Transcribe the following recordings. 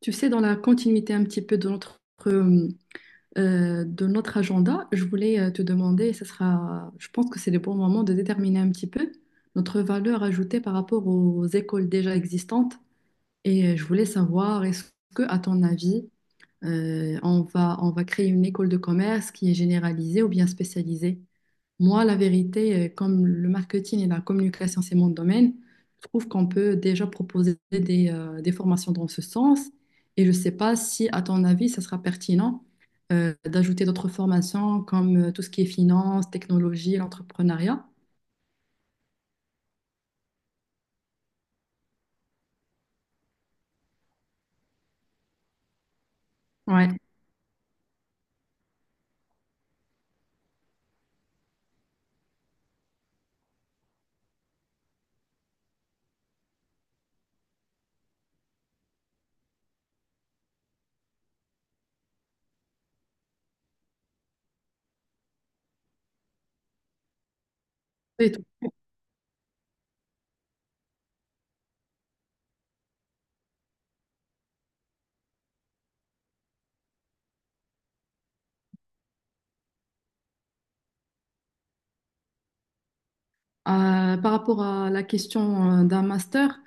Tu sais, dans la continuité un petit peu euh, de notre agenda, je voulais te demander, ça sera, je pense que c'est le bon moment de déterminer un petit peu notre valeur ajoutée par rapport aux écoles déjà existantes. Et je voulais savoir, est-ce que, à ton avis, on va créer une école de commerce qui est généralisée ou bien spécialisée? Moi, la vérité, comme le marketing et la communication, c'est mon domaine, je trouve qu'on peut déjà proposer des formations dans ce sens. Et je ne sais pas si, à ton avis, ça sera pertinent d'ajouter d'autres formations comme tout ce qui est finance, technologie, l'entrepreneuriat. Ouais. Et tout. Par rapport à la question d'un master,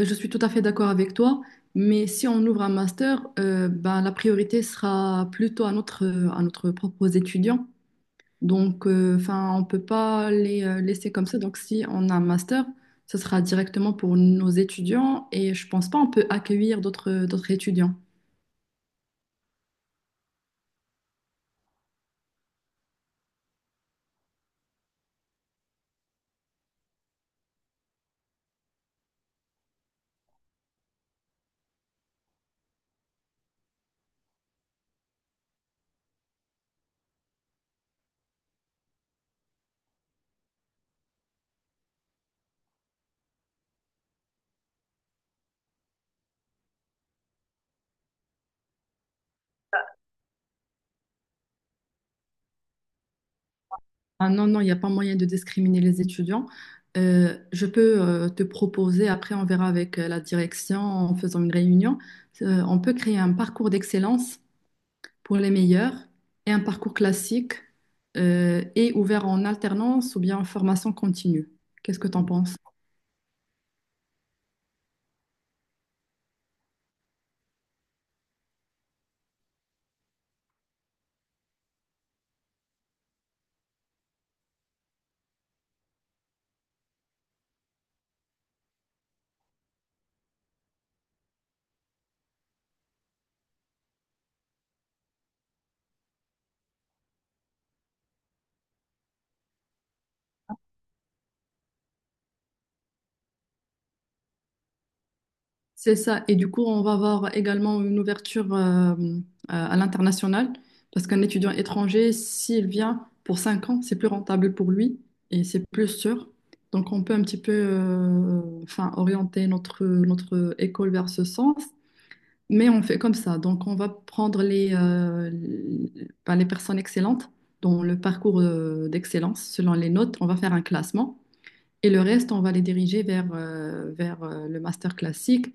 je suis tout à fait d'accord avec toi, mais si on ouvre un master, ben, la priorité sera plutôt à notre propre étudiant. Donc, enfin, on peut pas les laisser comme ça. Donc, si on a un master, ce sera directement pour nos étudiants et je pense pas on peut accueillir d'autres étudiants. Ah non, non, il n'y a pas moyen de discriminer les étudiants. Je peux te proposer, après on verra avec la direction en faisant une réunion, on peut créer un parcours d'excellence pour les meilleurs et un parcours classique et ouvert en alternance ou bien en formation continue. Qu'est-ce que tu en penses? C'est ça. Et du coup, on va avoir également une ouverture à l'international parce qu'un étudiant étranger, s'il vient pour 5 ans, c'est plus rentable pour lui et c'est plus sûr. Donc, on peut un petit peu enfin, orienter notre, notre école vers ce sens, mais on fait comme ça. Donc, on va prendre les ben, les personnes excellentes dans le parcours d'excellence selon les notes. On va faire un classement. Et le reste, on va les diriger vers, le master classique.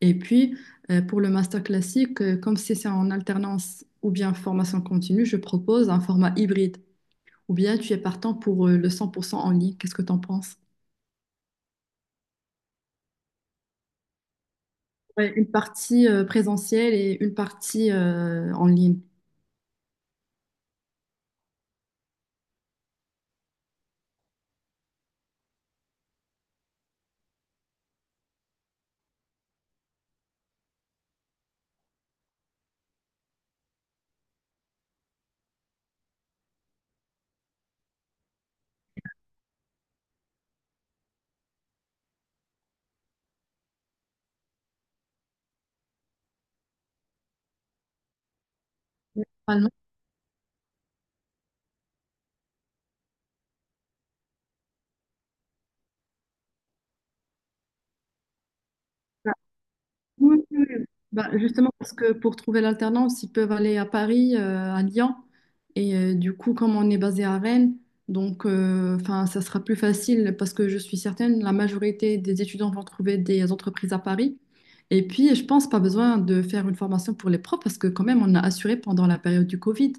Et puis, pour le master classique, comme c'est en alternance ou bien formation continue, je propose un format hybride. Ou bien tu es partant pour le 100% en ligne. Qu'est-ce que tu en penses? Ouais, une partie présentielle et une partie en ligne. Normalement, oui, oui. Oui. Bah, justement, parce que pour trouver l'alternance, ils peuvent aller à Paris, à Lyon. Et du coup, comme on est basé à Rennes, donc enfin, ça sera plus facile parce que je suis certaine, la majorité des étudiants vont trouver des entreprises à Paris. Et puis, je pense pas besoin de faire une formation pour les profs parce que quand même, on a assuré pendant la période du Covid.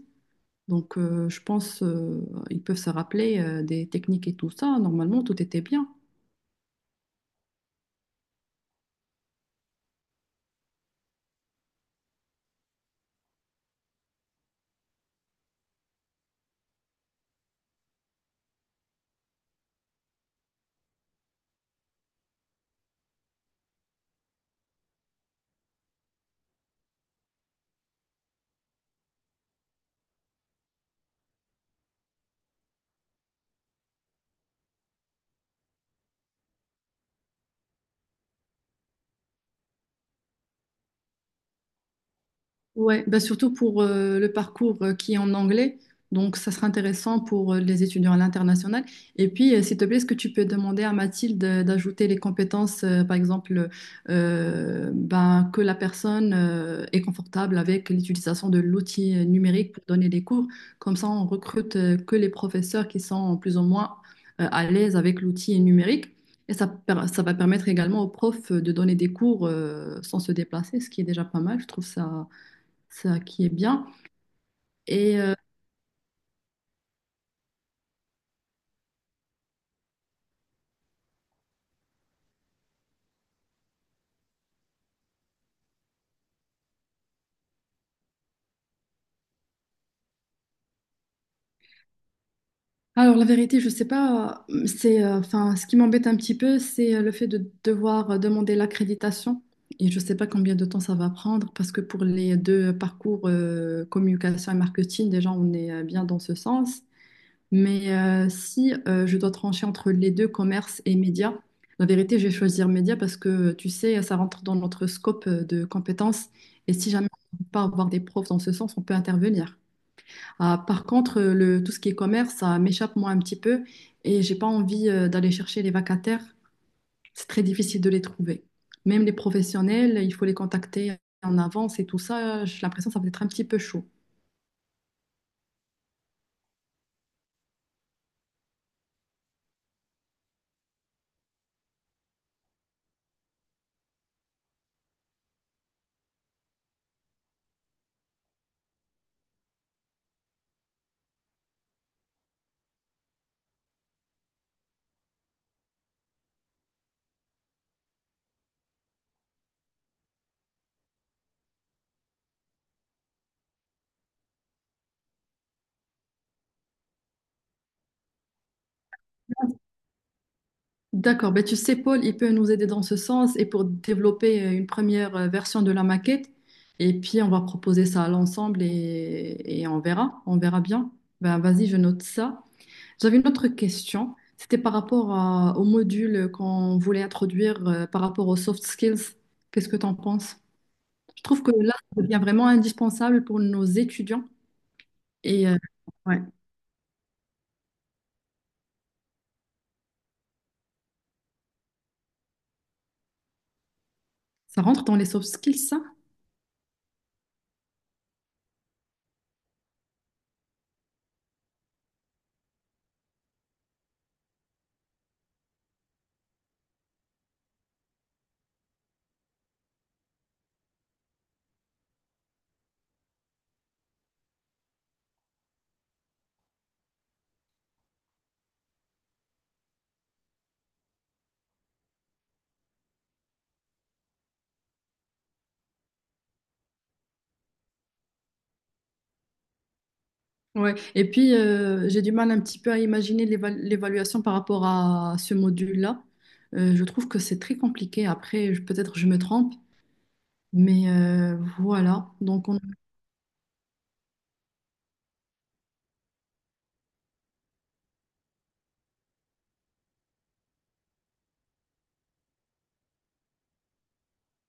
Donc, je pense ils peuvent se rappeler des techniques et tout ça. Normalement, tout était bien. Ouais, bah surtout pour le parcours qui est en anglais. Donc, ça sera intéressant pour les étudiants à l'international. Et puis, s'il te plaît, est-ce que tu peux demander à Mathilde d'ajouter les compétences, par exemple, ben, que la personne est confortable avec l'utilisation de l'outil numérique pour donner des cours. Comme ça, on recrute que les professeurs qui sont plus ou moins à l'aise avec l'outil numérique. Et ça, ça va permettre également aux profs de donner des cours sans se déplacer, ce qui est déjà pas mal. Je trouve ça qui est bien. Et euh, alors la vérité, je sais pas, c'est enfin ce qui m'embête un petit peu, c'est le fait de devoir demander l'accréditation. Et je sais pas combien de temps ça va prendre parce que pour les deux parcours communication et marketing, déjà on est bien dans ce sens. Mais si je dois trancher entre les deux, commerce et médias, la vérité, je vais choisir médias parce que tu sais, ça rentre dans notre scope de compétences. Et si jamais on ne peut pas avoir des profs dans ce sens, on peut intervenir. Ah, par contre, tout ce qui est commerce, ça m'échappe moi un petit peu et j'ai pas envie d'aller chercher les vacataires. C'est très difficile de les trouver. Même les professionnels, il faut les contacter en avance et tout ça. J'ai l'impression que ça peut être un petit peu chaud. D'accord, ben tu sais, Paul, il peut nous aider dans ce sens et pour développer une première version de la maquette. Et puis, on va proposer ça à l'ensemble et on verra bien. Ben, vas-y, je note ça. J'avais une autre question. C'était au module qu'on voulait introduire par rapport aux soft skills. Qu'est-ce que tu en penses? Je trouve que là, ça devient vraiment indispensable pour nos étudiants. Et euh, ouais, ça rentre dans les soft skills, ça? Ouais. Et puis, j'ai du mal un petit peu à imaginer l'évaluation par rapport à ce module-là. Je trouve que c'est très compliqué. Après, peut-être je me trompe, mais voilà. Donc, on...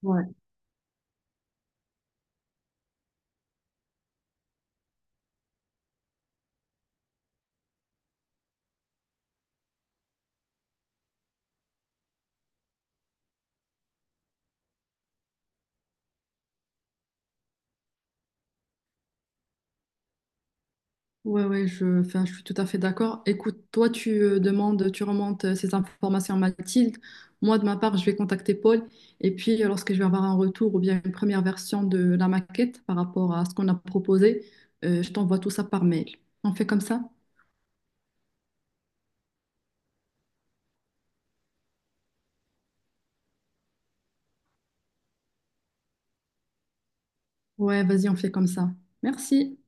ouais. Ouais, enfin, je suis tout à fait d'accord. Écoute, toi, tu demandes, tu remontes ces informations à Mathilde. Moi, de ma part, je vais contacter Paul. Et puis, lorsque je vais avoir un retour ou bien une première version de la maquette par rapport à ce qu'on a proposé, je t'envoie tout ça par mail. On fait comme ça? Ouais, vas-y, on fait comme ça. Merci.